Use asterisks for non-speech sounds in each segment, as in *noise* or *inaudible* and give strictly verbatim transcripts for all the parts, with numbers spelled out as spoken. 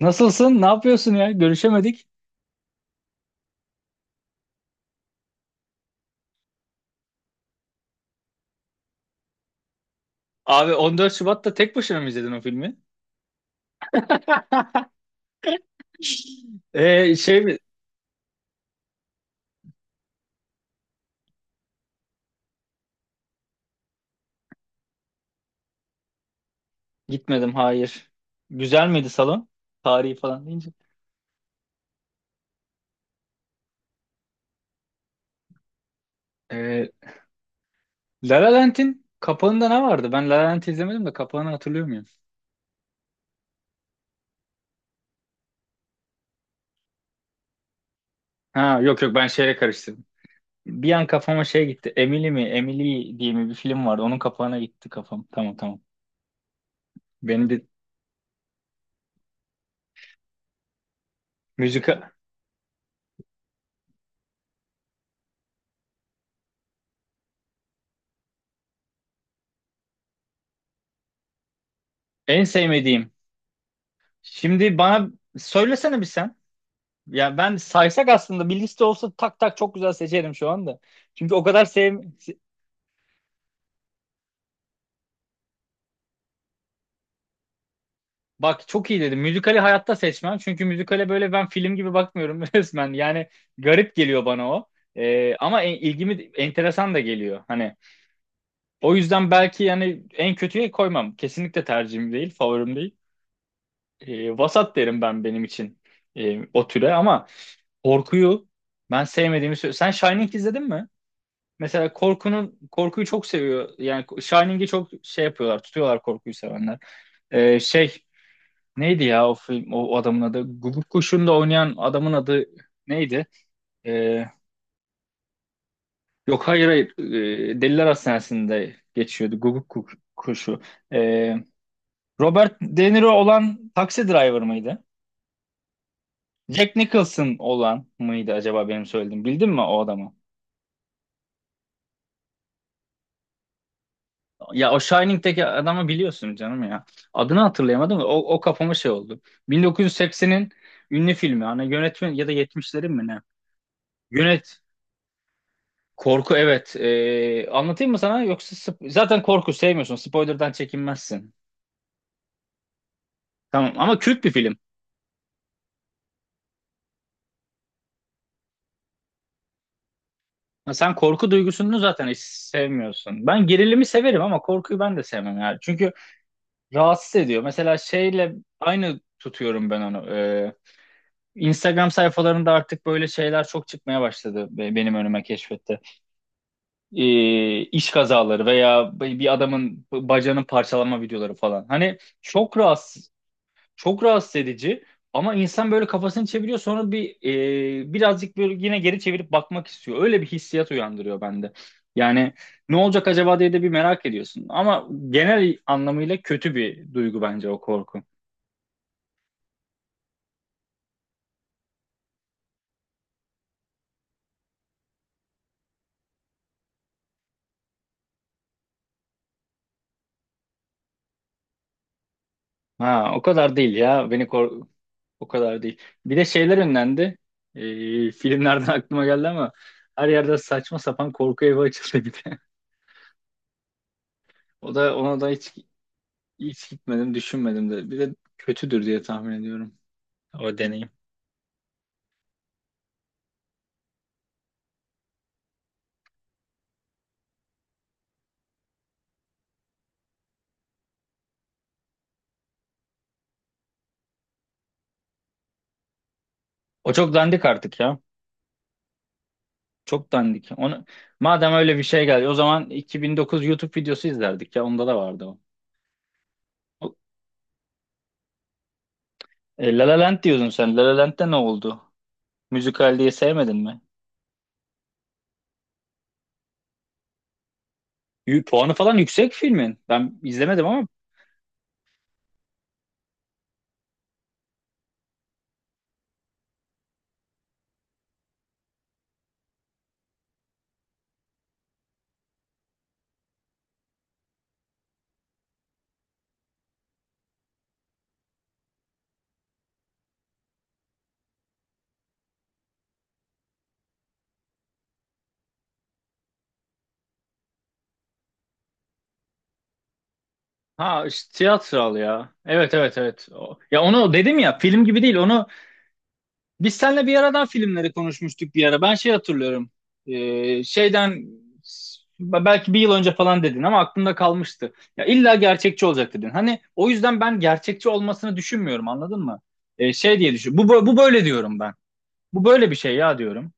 Nasılsın? Ne yapıyorsun ya? Görüşemedik. Abi on dört Şubat'ta tek başına mı izledin o filmi? *laughs* Ee, şey mi? Gitmedim, hayır. Güzel miydi salon? Tarihi falan deyince. Ee, La La Land'in kapağında ne vardı? Ben La La Land'i izlemedim de kapağını hatırlıyor muyum? Ha, yok, yok, ben şeyle karıştırdım. Bir an kafama şey gitti. Emily mi? Emily diye mi bir film vardı? Onun kapağına gitti kafam. Tamam, tamam. Benim de müzika en sevmediğim. Şimdi bana söylesene bir sen. Ya ben saysak aslında bir liste olsa tak tak çok güzel seçerim şu anda. Çünkü o kadar sev... Bak, çok iyi dedim. Müzikali hayatta seçmem. Çünkü müzikale böyle ben film gibi bakmıyorum *laughs* resmen. Yani garip geliyor bana o. Ee, ama en- ilgimi enteresan da geliyor. Hani o yüzden belki yani en kötüye koymam. Kesinlikle tercihim değil, favorim değil. Ee, vasat derim ben benim için, ee, o türe. Ama korkuyu ben sevmediğimi söylüyorum. Sen Shining izledin mi? Mesela korkunun korkuyu çok seviyor. Yani Shining'i çok şey yapıyorlar, tutuyorlar korkuyu sevenler. Ee, şey neydi ya o film, o, o adamın adı? Guguk Kuşu'nda oynayan adamın adı neydi? Ee, yok hayır, hayır. Ee, Deliler Hastanesi'nde geçiyordu Guguk Ku- Kuşu. Ee, Robert De Niro olan Taxi Driver mıydı? Jack Nicholson olan mıydı acaba benim söylediğim? Bildin mi o adamı? Ya o Shining'deki adamı biliyorsun canım ya. Adını hatırlayamadım da O, o kafama şey oldu. bin dokuz yüz sekseninin ünlü filmi. Hani yönetmen ya da yetmişlerin mi ne? Yönet. Korku evet. Ee, anlatayım mı sana? Yoksa sp- zaten korku sevmiyorsun. Spoiler'dan çekinmezsin. Tamam ama kült bir film. Ha, sen korku duygusunu zaten hiç sevmiyorsun. Ben gerilimi severim ama korkuyu ben de sevmem yani. Çünkü rahatsız ediyor. Mesela şeyle aynı tutuyorum ben onu. ee, Instagram sayfalarında artık böyle şeyler çok çıkmaya başladı benim önüme keşfette. Ee, iş kazaları veya bir adamın bacağının parçalama videoları falan. Hani çok rahatsız, çok rahatsız edici ama insan böyle kafasını çeviriyor sonra bir, e, birazcık böyle yine geri çevirip bakmak istiyor. Öyle bir hissiyat uyandırıyor bende. Yani ne olacak acaba diye de bir merak ediyorsun. Ama genel anlamıyla kötü bir duygu bence o korku. Ha, o kadar değil ya. Beni kork O kadar değil. Bir de şeyler önlendi. Ee, filmlerden *laughs* aklıma geldi ama her yerde saçma sapan korku evi açıldı bir de. *laughs* O da ona da hiç hiç gitmedim, düşünmedim de. Bir de kötüdür diye tahmin ediyorum o deneyim. O çok dandik artık ya. Çok dandik. Onu madem öyle bir şey geldi o zaman iki bin dokuz YouTube videosu izlerdik ya. Onda da vardı o. O- E, La La Land diyordun sen. La La Land'de ne oldu? Müzikal diye sevmedin mi? Yü- Puanı falan yüksek filmin. Ben izlemedim ama. Ha, işte tiyatral ya. Evet, evet, evet. O- Ya, onu dedim ya film gibi değil. Onu biz seninle bir aradan filmleri konuşmuştuk bir ara. Ben şey hatırlıyorum. Ee, şeyden s- belki bir yıl önce falan dedin ama aklımda kalmıştı. Ya illa gerçekçi olacak dedin. Hani o yüzden ben gerçekçi olmasını düşünmüyorum anladın mı? Ee, şey diye düşün. Bu, bö- bu böyle diyorum ben. Bu böyle bir şey ya diyorum.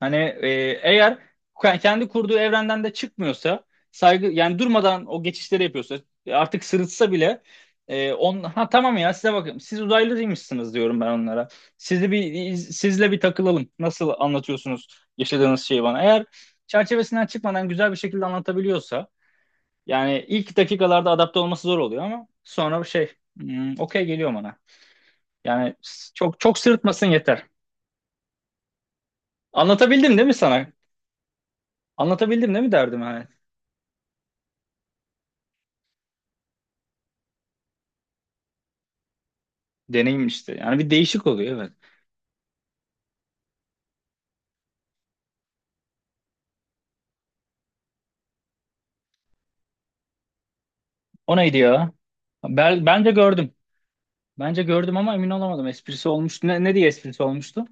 Hani, e, eğer ke- kendi kurduğu evrenden de çıkmıyorsa saygı yani durmadan o geçişleri yapıyorsa, e, artık sırıtsa bile, e, on ha, tamam ya, size bakın siz uzaylıymışsınız diyorum ben onlara. Sizi bir sizle bir takılalım. Nasıl anlatıyorsunuz yaşadığınız şeyi bana? Eğer çerçevesinden çıkmadan güzel bir şekilde anlatabiliyorsa yani ilk dakikalarda adapte olması zor oluyor ama sonra şey, hmm, okey geliyor bana. Yani s- çok çok sırıtmasın yeter. Anlatabildim değil mi sana? Anlatabildim değil mi derdim hani? Deneyim işte. Yani bir değişik oluyor evet. O neydi ya? Ben, bence gördüm. Bence gördüm ama emin olamadım. Esprisi olmuştu. Ne, ne diye esprisi olmuştu?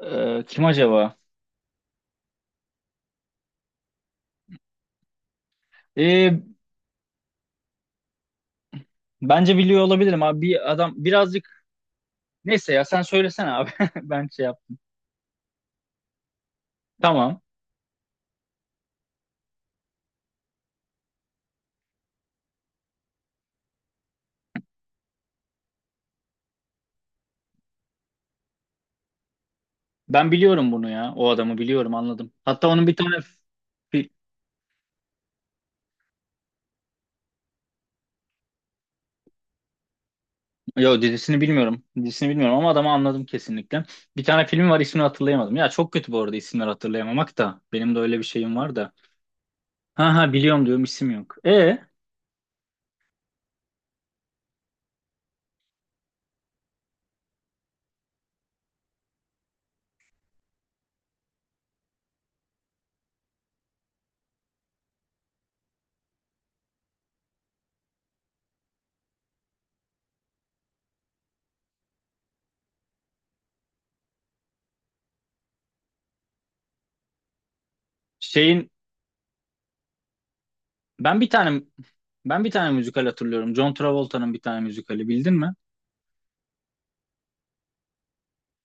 Ee, kim acaba? Ee, bence biliyor olabilirim abi. Bir adam birazcık. Neyse ya, sen söylesene abi. *laughs* Ben şey yap. Tamam. Ben biliyorum bunu ya. O adamı biliyorum, anladım. Hatta onun bir tane. fi- Yo, dizisini bilmiyorum. Dizisini bilmiyorum ama adamı anladım kesinlikle. Bir tane filmi var ismini hatırlayamadım. Ya çok kötü bu arada isimleri hatırlayamamak da. Benim de öyle bir şeyim var da. Ha ha, biliyorum diyorum, isim yok. E şeyin ben bir tane ben bir tane müzikal hatırlıyorum. John Travolta'nın bir tane müzikali bildin mi?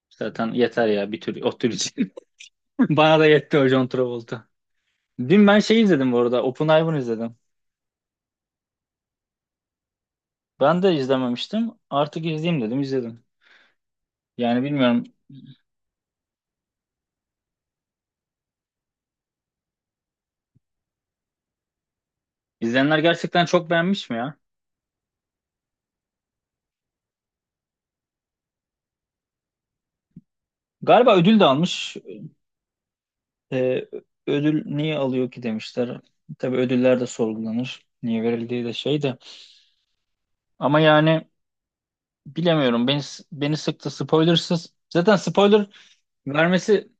Zaten yeter ya bir tür o tür için. *laughs* Bana da yetti o John Travolta. Dün ben şey izledim bu arada. Oppenheimer izledim. Ben de izlememiştim. Artık izleyeyim dedim izledim. Yani bilmiyorum. İzleyenler gerçekten çok beğenmiş mi ya? Galiba ödül de almış. E, ödül niye alıyor ki demişler. Tabii ödüller de sorgulanır. Niye verildiği de şey de. Ama yani bilemiyorum. Beni beni sıktı spoilersız. Zaten spoiler vermesi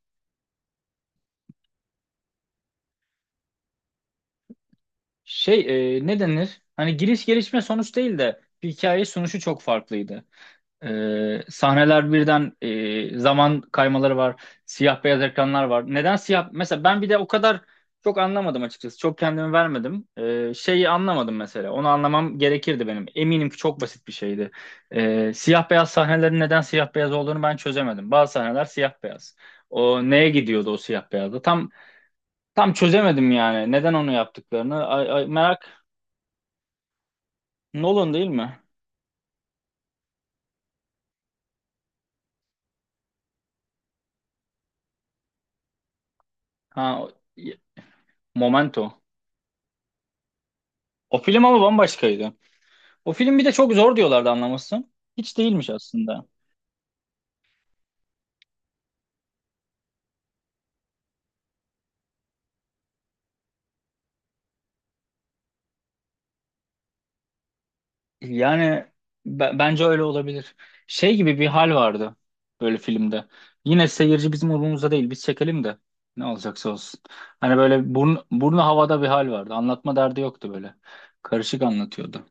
şey, e, ne denir? Hani giriş gelişme sonuç değil de bir hikaye sunuşu çok farklıydı. Ee, sahneler birden, e, zaman kaymaları var. Siyah beyaz ekranlar var. Neden siyah? Mesela ben bir de o kadar çok anlamadım açıkçası. Çok kendimi vermedim. Ee, şeyi anlamadım mesela. Onu anlamam gerekirdi benim. Eminim ki çok basit bir şeydi. Ee, siyah beyaz sahnelerin neden siyah beyaz olduğunu ben çözemedim. Bazı sahneler siyah beyaz. O neye gidiyordu o siyah beyazda? Tam tam çözemedim yani. Neden onu yaptıklarını. Ay, ay, merak. Nolan değil mi? Ha, o- Momento. O film ama bambaşkaydı. O film bir de çok zor diyorlardı anlaması. Hiç değilmiş aslında. Yani be- bence öyle olabilir. Şey gibi bir hal vardı böyle filmde. Yine seyirci bizim umurumuzda değil. Biz çekelim de ne olacaksa olsun. Hani böyle burnu, burnu havada bir hal vardı. Anlatma derdi yoktu böyle. Karışık anlatıyordu.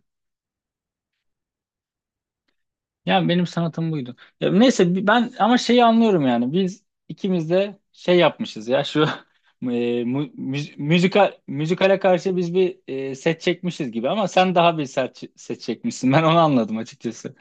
Yani benim sanatım buydu. Ya neyse bi- ben ama şeyi anlıyorum yani. Biz ikimiz de şey yapmışız ya şu *laughs* e, mu- müz- müzikal müzikale karşı biz bir, e, set çekmişiz gibi ama sen daha bir set, set çekmişsin. Ben onu anladım açıkçası.